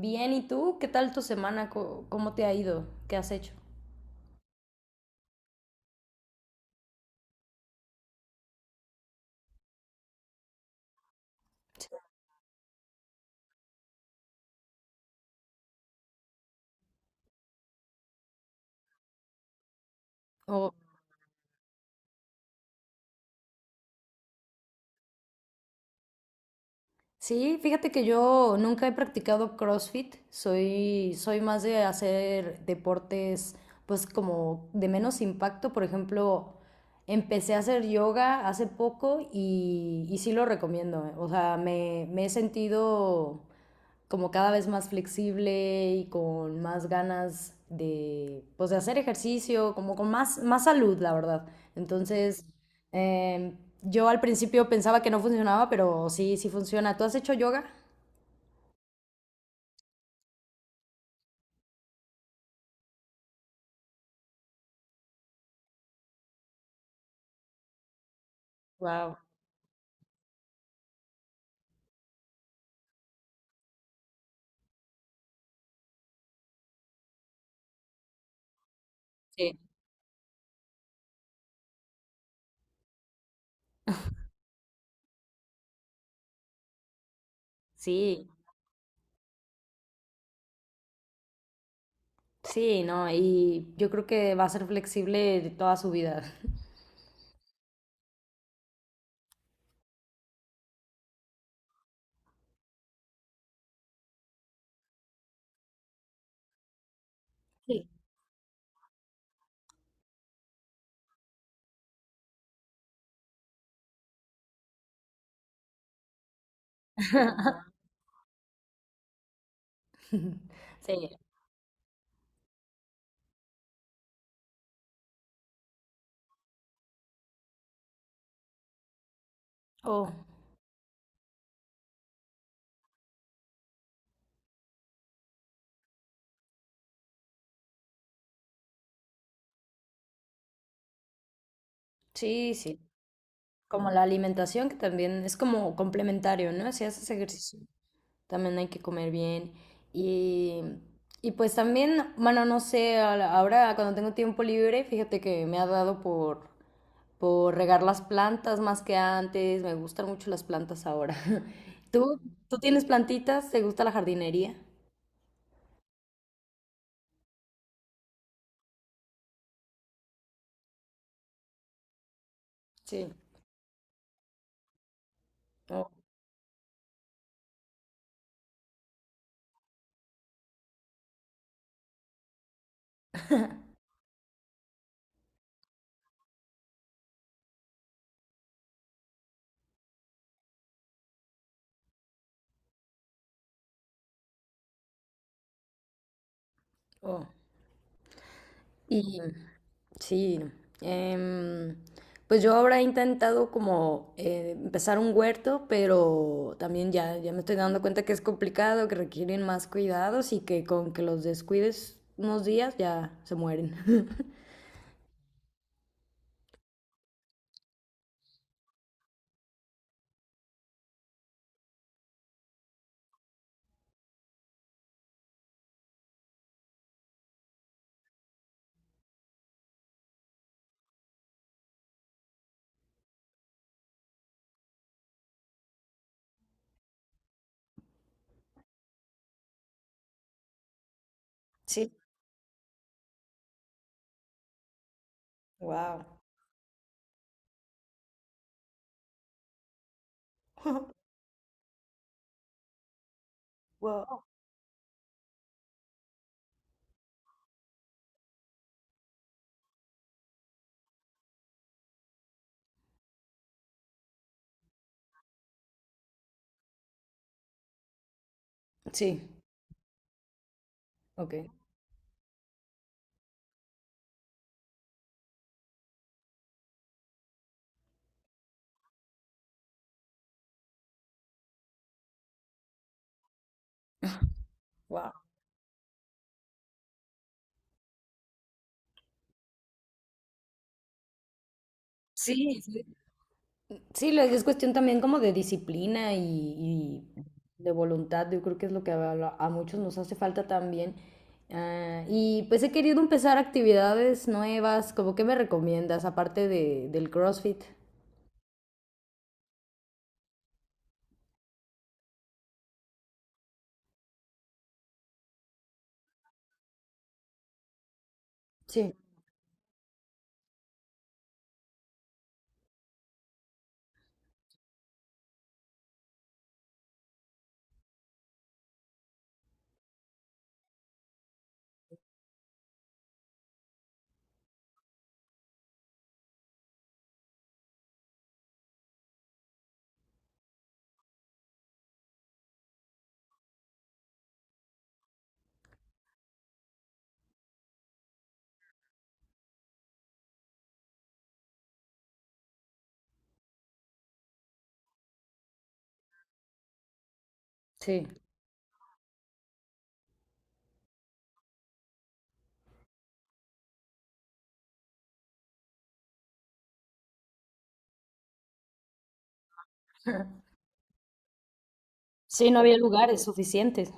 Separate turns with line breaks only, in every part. Bien, ¿y tú? ¿Qué tal tu semana? ¿Cómo te ha ido? ¿Qué has hecho? O- sí, fíjate que yo nunca he practicado CrossFit. Soy más de hacer deportes, pues como de menos impacto. Por ejemplo, empecé a hacer yoga hace poco y sí lo recomiendo. Eh, o sea, me he sentido como cada vez más flexible y con más ganas de, pues, de hacer ejercicio, como con más, más salud, la verdad. Entonces, eh, yo al principio pensaba que no funcionaba, pero sí, sí funciona. ¿Tú has hecho yoga? Wow. Sí. Sí, sí, no, y yo creo que va a ser flexible de toda su vida. Sí. Sí. Oh, sí, sí. Como la alimentación, que también es como complementario, ¿no? Si haces ejercicio también hay que comer bien. Y, y pues también, bueno, no sé, ahora cuando tengo tiempo libre, fíjate que me ha dado por regar las plantas más que antes. Me gustan mucho las plantas ahora. ¿Tú, tú tienes plantitas? ¿Te gusta la jardinería? Sí. Oh, oh. Y sí, em, pues yo ahora he intentado como empezar un huerto, pero también ya, ya me estoy dando cuenta que es complicado, que requieren más cuidados y que con que los descuides unos días ya se mueren. Sí, wow. Wow. Sí, ok, wow. Sí, sí, sí, es cuestión también como de disciplina y de voluntad. Yo creo que es lo que a, a muchos nos hace falta también. Ah, y pues he querido empezar actividades nuevas. ¿Cómo qué me recomiendas, aparte del CrossFit? Sí, sí. Sí, no había lugares suficientes.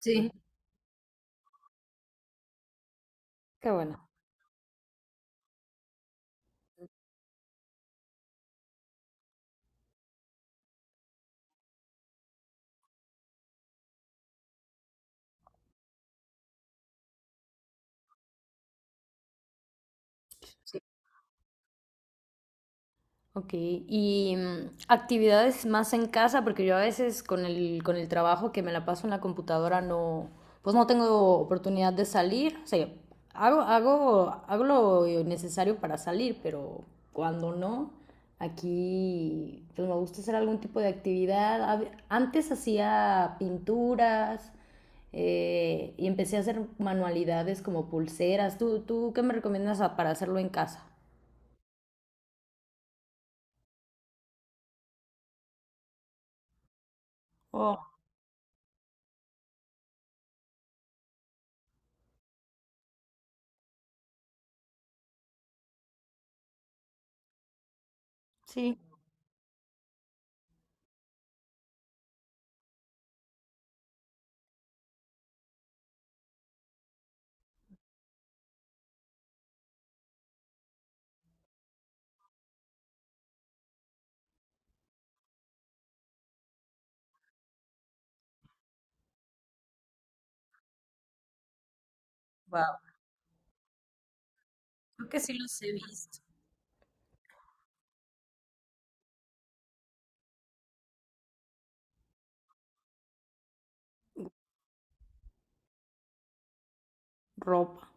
Sí. Qué bueno. Ok, y mm, actividades más en casa, porque yo a veces con el trabajo que me la paso en la computadora no, pues no tengo oportunidad de salir, o sea, hago lo necesario para salir, pero cuando no, aquí pues me gusta hacer algún tipo de actividad. Antes hacía pinturas y empecé a hacer manualidades como pulseras. ¿Tú, tú qué me recomiendas para hacerlo en casa? Oh, sí. Wow. Ropa.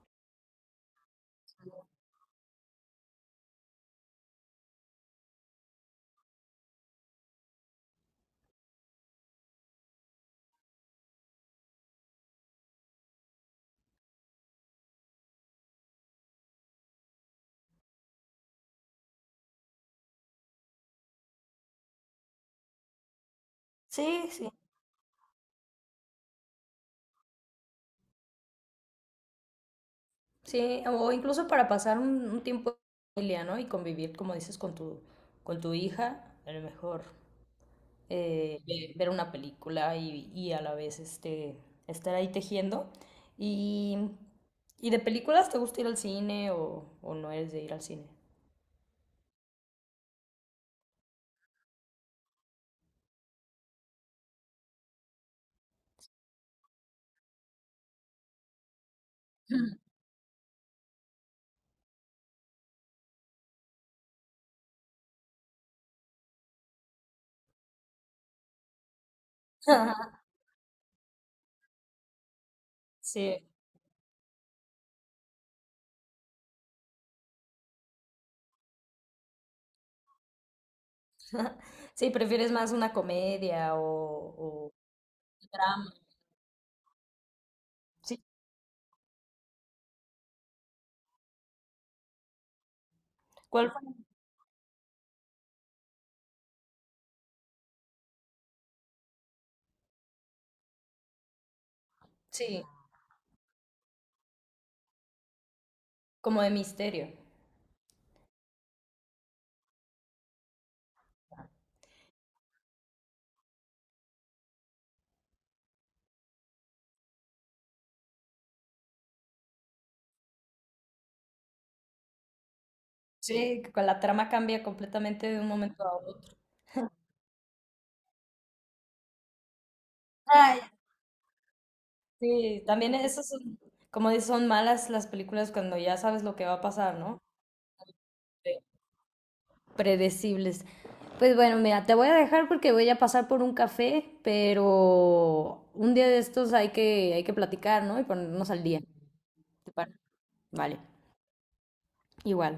Sí, sí, sí, o incluso para pasar un tiempo en familia, ¿no? Y convivir, como dices, con tu hija, a lo mejor ver una película y a la vez este, estar ahí tejiendo. Y, y de películas, ¿te gusta ir al cine o no eres de ir al cine? Sí, sí, prefieres más una comedia o drama. Sí, ¿cuál fue? Sí, como de misterio. Sí, que con la trama cambia completamente de un momento a otro. Ay, sí, también esas son, como dices, son malas las películas cuando ya sabes lo que va a pasar, ¿no? Sí. Predecibles. Pues bueno, mira, te voy a dejar porque voy a pasar por un café, pero un día de estos hay que platicar, ¿no? Y ponernos al día. ¿Te parece? Vale, igual.